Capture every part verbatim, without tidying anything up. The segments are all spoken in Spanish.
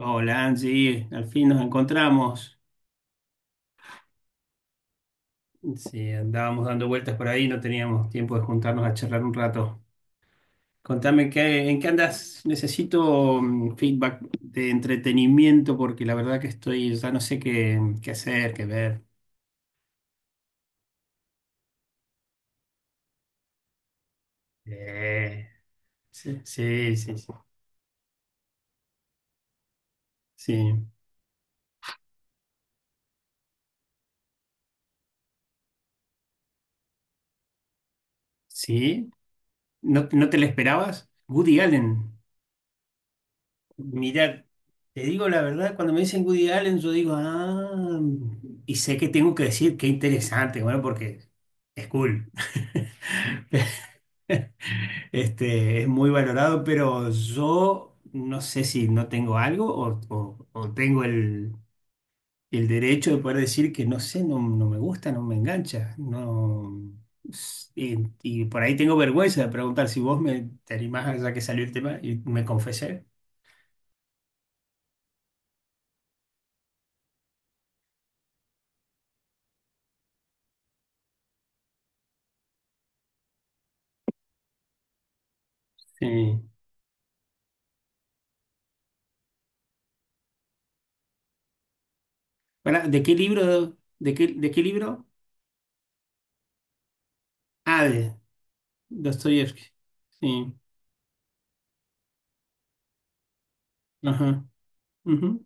Hola Angie, al fin nos encontramos. Sí, andábamos dando vueltas por ahí, no teníamos tiempo de juntarnos a charlar un rato. Contame qué, en qué andas. Necesito mm, feedback de entretenimiento porque la verdad que estoy, ya no sé qué, qué hacer, qué ver. Eh, sí, sí, sí, sí. Sí. ¿Sí? ¿No, no te la esperabas? Woody Allen. Mira, te digo la verdad, cuando me dicen Woody Allen, yo digo, ah, y sé que tengo que decir qué interesante, bueno, porque es cool. Este, es muy valorado, pero yo no sé si no tengo algo o, o- o tengo el, el derecho de poder decir que no sé, no, no me gusta, no me engancha. No, y, y por ahí tengo vergüenza de preguntar si vos me, te animás, ya que salió el tema, y me confesé. Sí. Pará, ¿de qué libro? ¿De qué, de qué libro? Ah, de Dostoyevsky. Sí. Ajá. Ujú.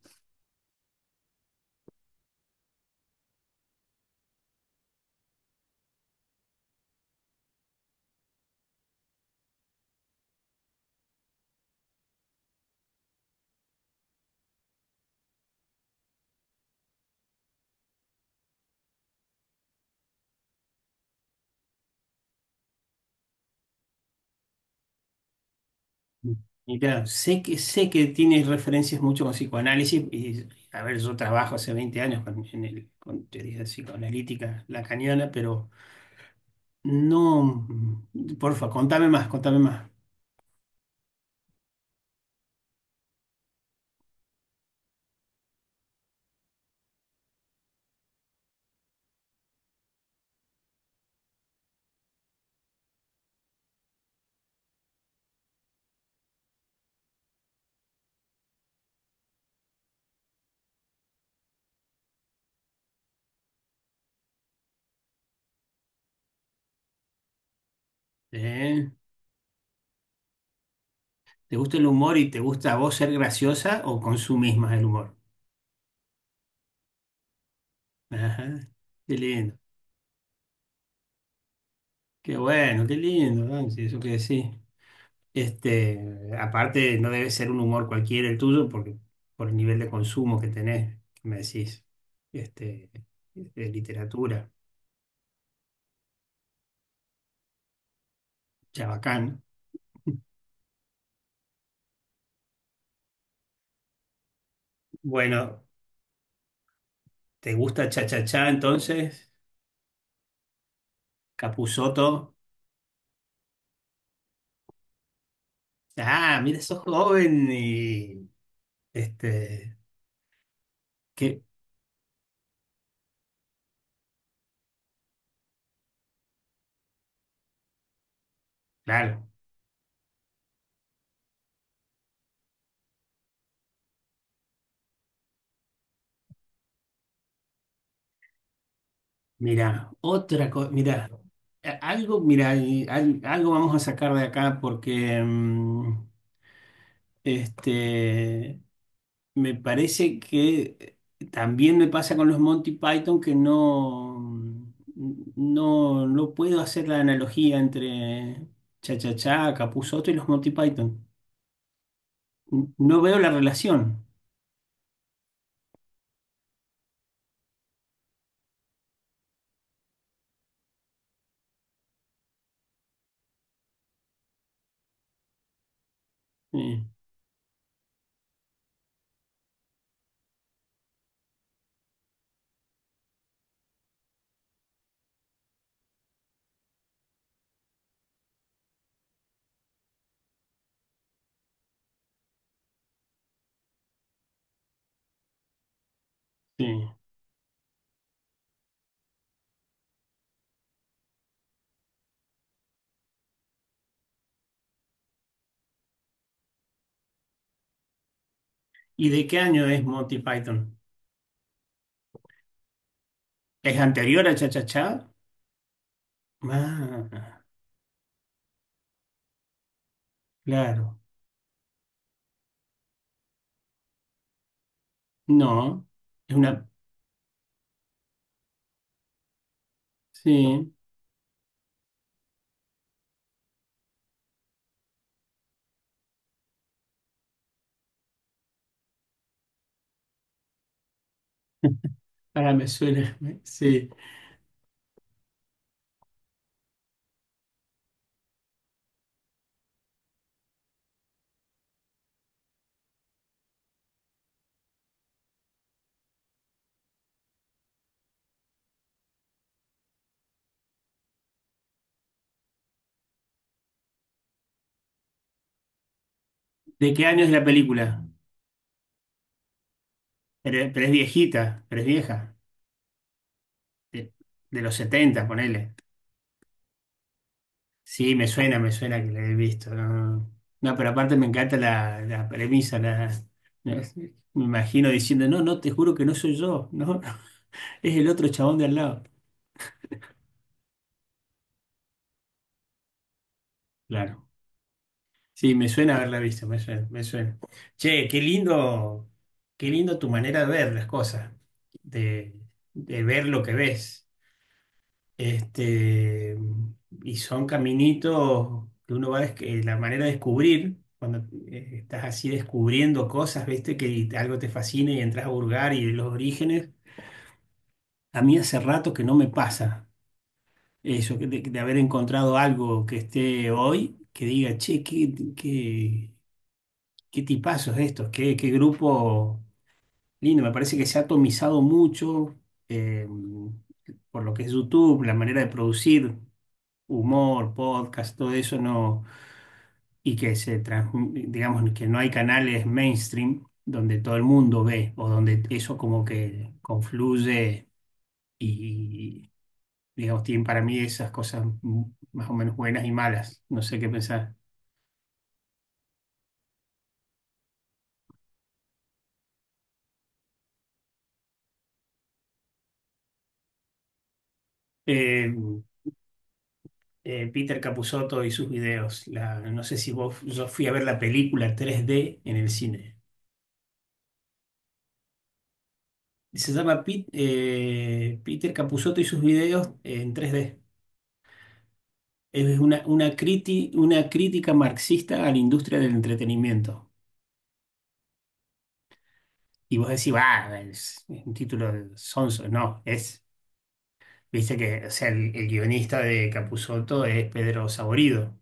Y claro, sé que, sé que tiene referencias mucho con psicoanálisis. Y, a ver, yo trabajo hace veinte años con, en el, con teoría psicoanalítica lacaniana, pero no. Porfa, contame más, contame más. ¿Eh? ¿Te gusta el humor y te gusta a vos ser graciosa o consumís más el humor? Ajá. Qué lindo. Qué bueno, qué lindo. Ah, sí, eso que decís. Este, aparte, no debe ser un humor cualquiera el tuyo, porque por el nivel de consumo que tenés, que me decís, este, de literatura, chabacán. Bueno, ¿te gusta Cha-Cha-Cha entonces? Capusotto. Ah, mira, sos joven y este, que, claro, mira, otra cosa, mira, a- algo, mira, y al- algo vamos a sacar de acá porque mm, este. Me parece que también me pasa con los Monty Python que no, no, no puedo hacer la analogía entre Cha Cha Cha, Capuzoto y los Monty Python. No veo la relación. Sí, sí. ¿Y de qué año es Monty Python? ¿Es anterior a Cha Cha Cha? Ah, claro. No, es una... Sí, ahora me suena. Sí. ¿De qué año es la película? Pero, pero es viejita, pero es vieja. de, de los setenta ponele. Sí, me suena, me suena que la he visto. No, no, no, pero aparte me encanta la, la premisa. La, me imagino diciendo, no, no, te juro que no soy yo, no, es el otro chabón de al lado. Claro. Sí, me suena haberla visto, me suena, me suena. Che, qué lindo, qué lindo tu manera de ver las cosas, de, de ver lo que ves. Este, y son caminitos que uno va a la manera de descubrir, cuando eh, estás así descubriendo cosas, viste, que algo te fascina y entras a burgar y los orígenes. A mí hace rato que no me pasa eso, que de, de haber encontrado algo que esté hoy, que diga, che, qué, qué, qué tipazos estos, qué, qué grupo lindo. Me parece que se ha atomizado mucho eh, por lo que es YouTube, la manera de producir humor, podcast, todo eso no, y que se transmi- digamos que no hay canales mainstream donde todo el mundo ve o donde eso como que confluye y, digamos, tienen para mí esas cosas m- más o menos buenas y malas, no sé qué pensar. Eh, eh, Peter Capusotto y sus videos, la- no sé si vos, yo fui a ver la película tres D en el cine. Se llama Pit- eh, Peter Capusotto y sus videos en tres D. Es una, una, criti- una crítica marxista a la industria del entretenimiento. Y vos decís, va, es un título de sonso. No, es, viste que, o sea, el, el guionista de Capusotto es Pedro Saborido,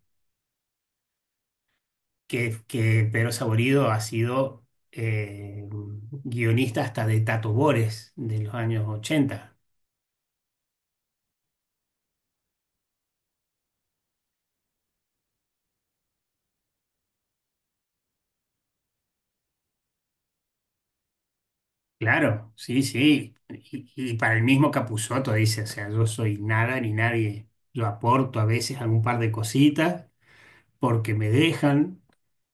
que, que Pedro Saborido ha sido eh, guionista hasta de Tato Bores de los años ochenta. Claro, sí, sí. Y, y para el mismo Capusotto dice, o sea, yo soy nada ni nadie. Yo aporto a veces algún par de cositas porque me dejan,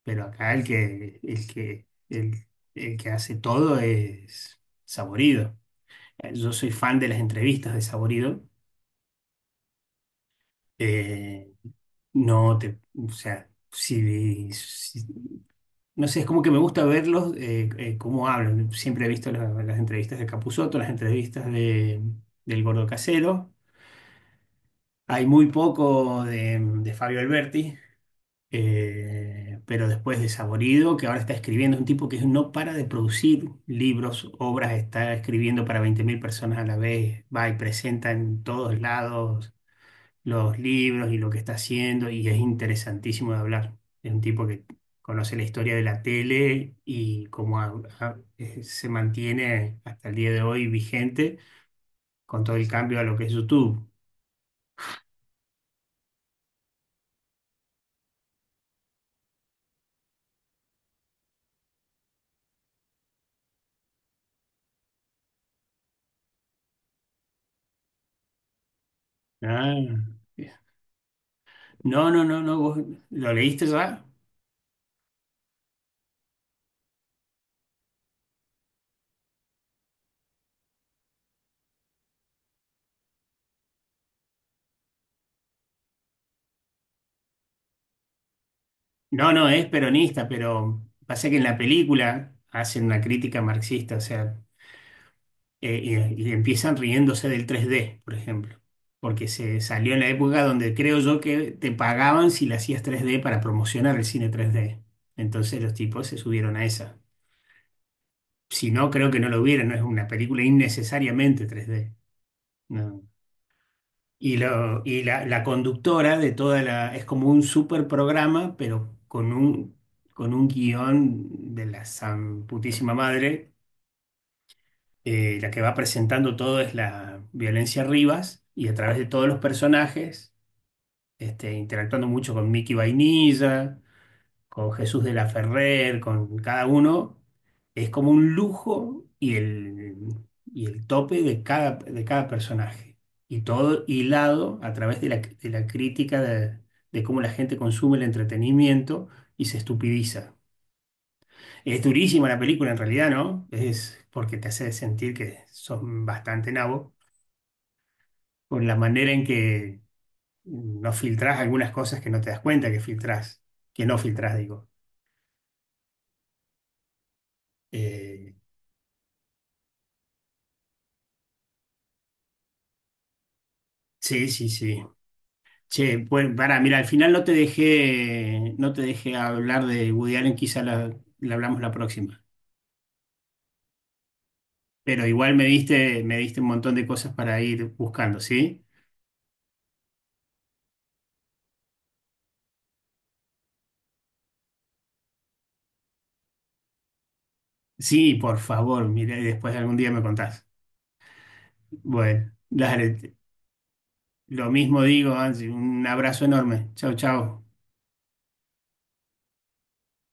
pero acá el que, el que, el, el que hace todo es Saborido. Eh, Yo soy fan de las entrevistas de Saborido. Eh, no te, o sea, si, si- no sé, es como que me gusta verlos, eh, eh, cómo hablan. Siempre he visto la- las entrevistas de Capusotto, las entrevistas de, del Gordo Casero. Hay muy poco de, de Fabio Alberti, eh, pero después de Saborido, que ahora está escribiendo, es un tipo que no para de producir libros, obras, está escribiendo para veinte mil personas a la vez, va y presenta en todos lados los libros y lo que está haciendo, y es interesantísimo de hablar. Es un tipo que conoce la historia de la tele y cómo ha- ha- eh, se mantiene hasta el día de hoy vigente con todo el cambio a lo que es YouTube. Ah. No, no, no, no, vos lo leíste ya. No, no, es peronista, pero pasa que en la película hacen una crítica marxista, o sea, eh, y, y empiezan riéndose del tres D, por ejemplo, porque se salió en la época donde creo yo que te pagaban si le hacías tres D para promocionar el cine tres D. Entonces los tipos se subieron a esa. Si no, creo que no lo hubieran, no es una película innecesariamente tres D. No. Y, lo, y la, la conductora de toda la... Es como un super programa, pero con un, con un guión de la san putísima madre. Eh, la que va presentando todo es la Violencia Rivas y a través de todos los personajes, este, interactuando mucho con Mickey Vainilla, con Jesús de la Ferrer, con cada uno, es como un lujo y el, y el tope de cada, de cada personaje. Y todo hilado a través de la, de la crítica de, de cómo la gente consume el entretenimiento y se estupidiza. Es durísima la película en realidad, ¿no? Es porque te hace sentir que son bastante nabo por la manera en que no filtrás algunas cosas que no te das cuenta que filtrás, que no filtrás, digo. Eh, sí, sí, sí. Che, pues para, mira, al final no te dejé, no te dejé hablar de Woody Allen, quizá la, la hablamos la próxima. Pero igual me diste, me diste un montón de cosas para ir buscando, ¿sí? Sí, por favor, mira, y después algún día me contás. Bueno, dale, te- lo mismo digo, Angie, un abrazo enorme. Chau, chau.